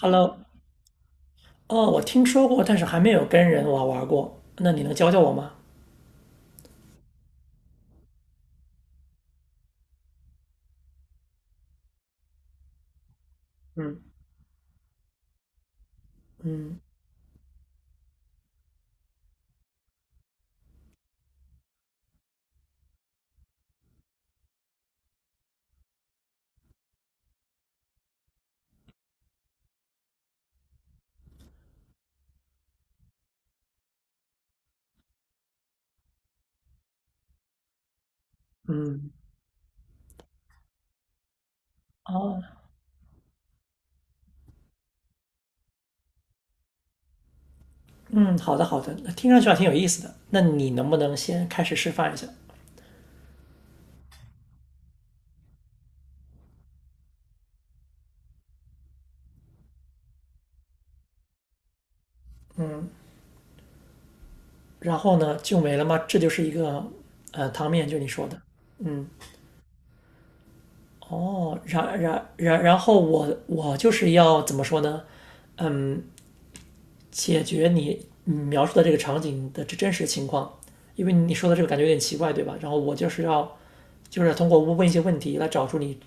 Hello，哦，我听说过，但是还没有跟人玩过。那你能教我吗？嗯嗯嗯，哦，嗯，好的好的，那听上去还挺有意思的。那你能不能先开始示范一下？然后呢，就没了吗？这就是一个汤面，就你说的。嗯。哦，然后我就是要怎么说呢？嗯。解决你描述的这个场景的真实情况，因为你说的这个感觉有点奇怪，对吧？然后我就是要，就是通过问一些问题来找出你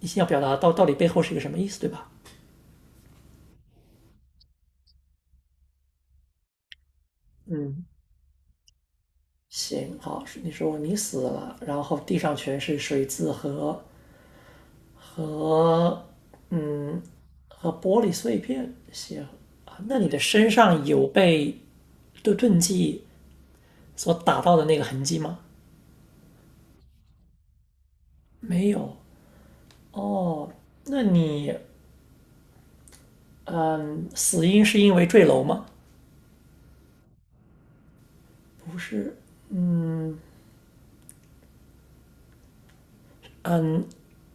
你要表达到底背后是一个什么意思，对吧？嗯，行，好，你说你死了，然后地上全是水渍和嗯和玻璃碎片，行啊，那你的身上有被钝器所打到的那个痕迹吗？没有。哦，那你死因是因为坠楼吗？不是，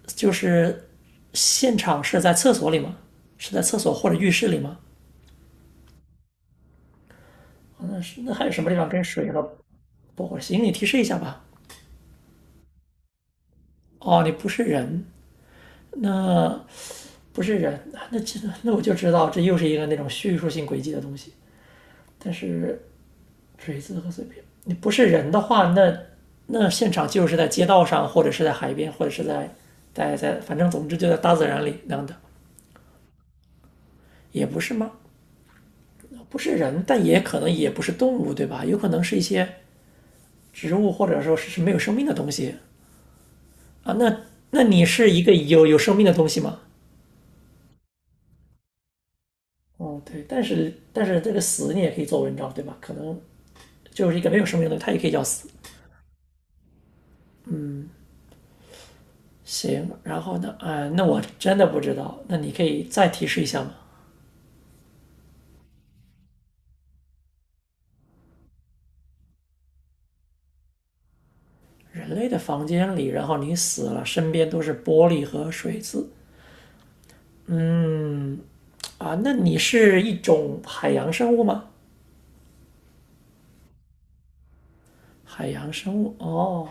就是现场是在厕所里吗？是在厕所或者浴室里吗？啊，那是那还有什么地方跟水和不火星？你提示一下吧。哦，你不是人，那不是人，那那这那我就知道这又是一个那种叙述性轨迹的东西。但是锤子和碎片，你不是人的话，那那现场就是在街道上，或者是在海边，或者是在，反正总之就在大自然里那样的，也不是吗？不是人，但也可能也不是动物，对吧？有可能是一些植物，或者说是没有生命的东西啊。那那你是一个有生命的东西吗？哦，对，但是这个死你也可以做文章，对吧？可能就是一个没有生命的东西，它也可以叫死。行，然后呢？那我真的不知道，那你可以再提示一下吗？人类的房间里，然后你死了，身边都是玻璃和水渍啊。那你是一种海洋生物吗？海洋生物。哦，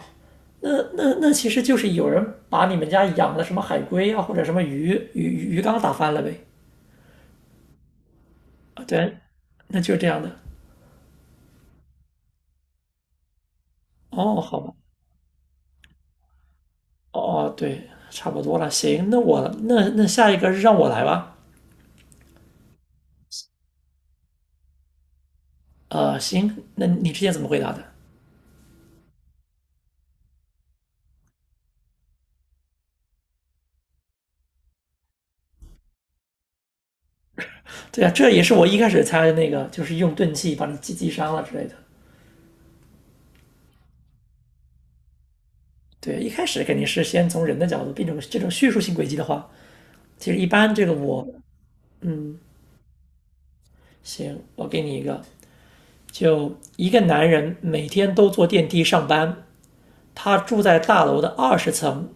那那那其实就是有人把你们家养的什么海龟啊，或者什么鱼缸打翻了呗。啊，对，那就是这样的。哦，好吧。哦，对，差不多了。行，那我那那下一个让我来吧。行，那你之前怎么回答的？对啊，这也是我一开始猜的那个，就是用钝器把你击伤了之类的。对，一开始肯定是先从人的角度变成这种叙述性轨迹的话，其实一般这个我，嗯，行，我给你一个，就一个男人每天都坐电梯上班，他住在大楼的二十层，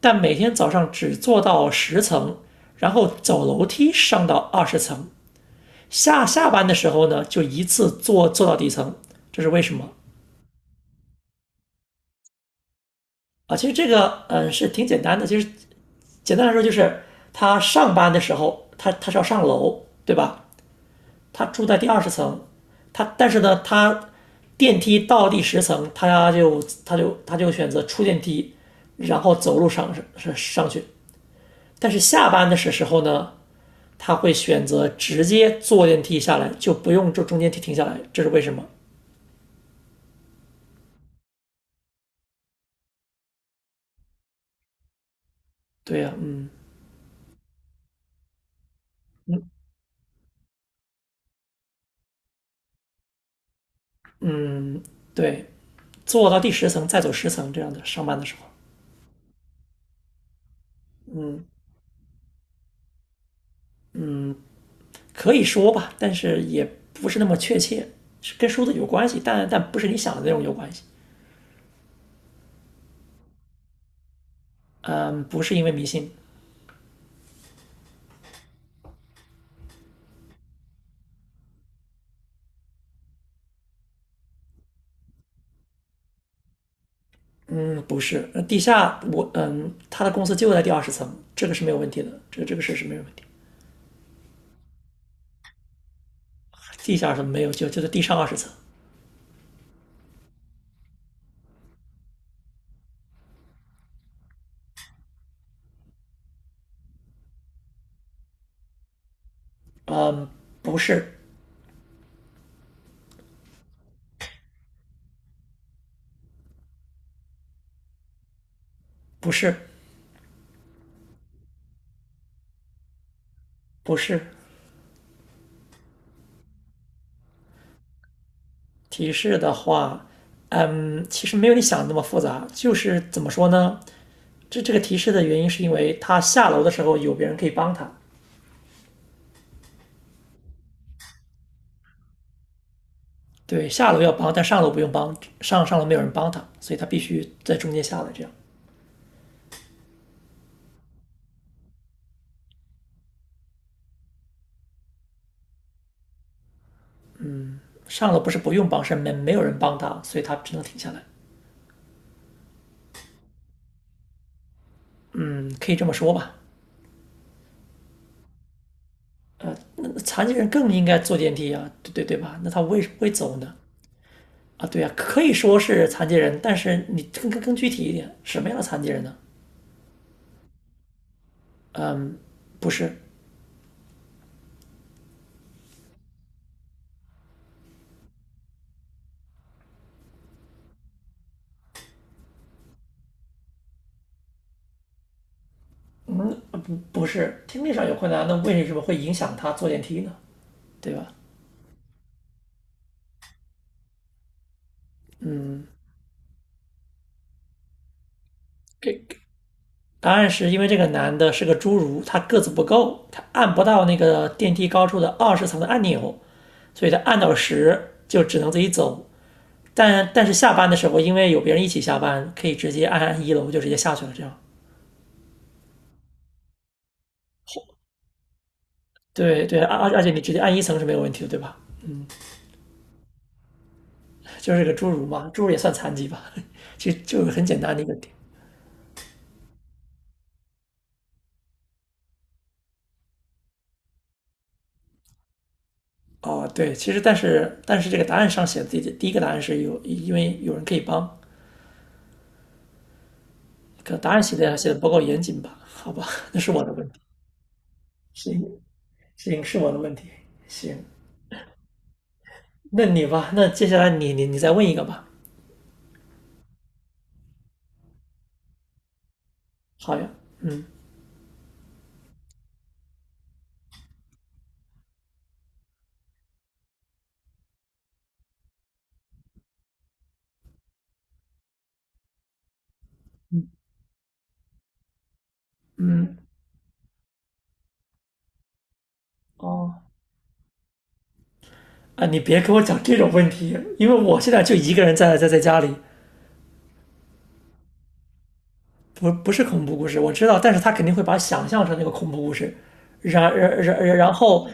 但每天早上只坐到十层，然后走楼梯上到二十层。下班的时候呢，就一次坐到底层，这是为什么啊？其实这个嗯是挺简单的，其实简单来说就是他上班的时候，他是要上楼，对吧？他住在第二十层，他但是呢，他电梯到第十层，他就选择出电梯，然后走路上去。但是下班的时候呢，他会选择直接坐电梯下来，就不用这中间停下来，这是为什么？对呀、啊，嗯嗯，对，坐到第十层再走十层这样的上班的时候，嗯，可以说吧，但是也不是那么确切，是跟书的有关系，但不是你想的那种有关系。嗯，不是因为迷信，嗯，不是，那地下我嗯，他的公司就在第二十层，这个是没有问题的，这个事是没有问题。地下是没有，就在地上二十层。不是，不是，不是。提示的话，嗯，其实没有你想的那么复杂，就是怎么说呢？这个提示的原因是因为他下楼的时候有别人可以帮他。对，下楼要帮，但上楼不用帮，上楼没有人帮他，所以他必须在中间下来这样。上楼不是不用帮，是没有人帮他，所以他只能停下来。嗯，可以这么说吧。残疾人更应该坐电梯啊，对对吧？那他为什么会走呢？啊，对呀、啊，可以说是残疾人，但是你更具体一点，什么样的残疾人呢？不是，不是听力上有困难，那为什么会影响他坐电梯呢？对吧？嗯，给答案是因为这个男的是个侏儒，他个子不够，他按不到那个电梯高处的二十层的按钮，所以他按到十就只能自己走。但是下班的时候，因为有别人一起下班，可以直接按一楼就直接下去了，这样对，而且你直接按一层是没有问题的，对吧？就是个侏儒嘛，侏儒也算残疾吧？其实就是很简单的一个点。哦，对，其实但是这个答案上写的第一个答案是有，因为有人可以帮，可答案写的不够严谨吧？好吧，那是我的问题，行行是我的问题，行，那你吧，那接下来你再问一个吧。好呀，嗯嗯，哦啊，你别给我讲这种问题，因为我现在就一个人在在家里，不，不是恐怖故事，我知道，但是他肯定会把它想象成那个恐怖故事，然后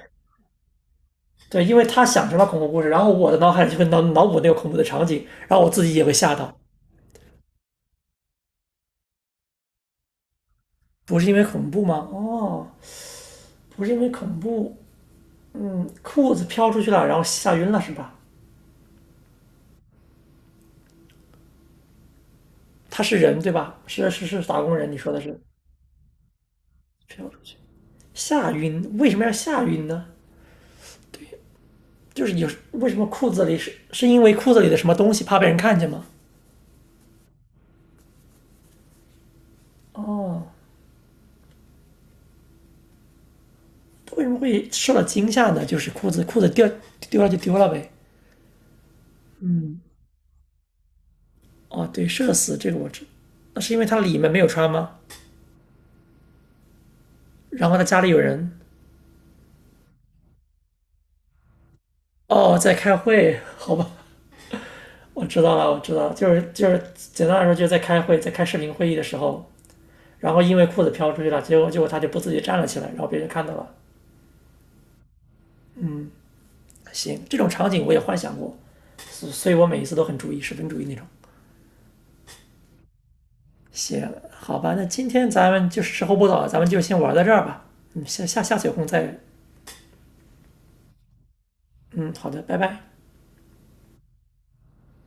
对，因为他想成了恐怖故事，然后我的脑海里就会脑补那个恐怖的场景，然后我自己也会吓到。不是因为恐怖吗？哦，不是因为恐怖，嗯，裤子飘出去了，然后吓晕了是吧？他是人对吧？是打工人，你说的是飘出去吓晕，为什么要吓晕呢？就是有为什么裤子里是因为裤子里的什么东西怕被人看见吗？哦，为什么会受到惊吓呢？就是裤子掉丢了就丢了呗。哦，对，社死这个我知，那是因为他里面没有穿吗？然后他家里有人哦在开会，好吧，我知道了，我知道了，就是简单来说就是在开会，在开视频会议的时候，然后因为裤子飘出去了，结果他就不自己站了起来，然后别人看到了。行，这种场景我也幻想过，所以我每一次都很注意，十分注意那种。行，好吧，那今天咱们就是时候不早了，咱们就先玩到这儿吧。嗯，下次有空再。嗯，好的，拜拜。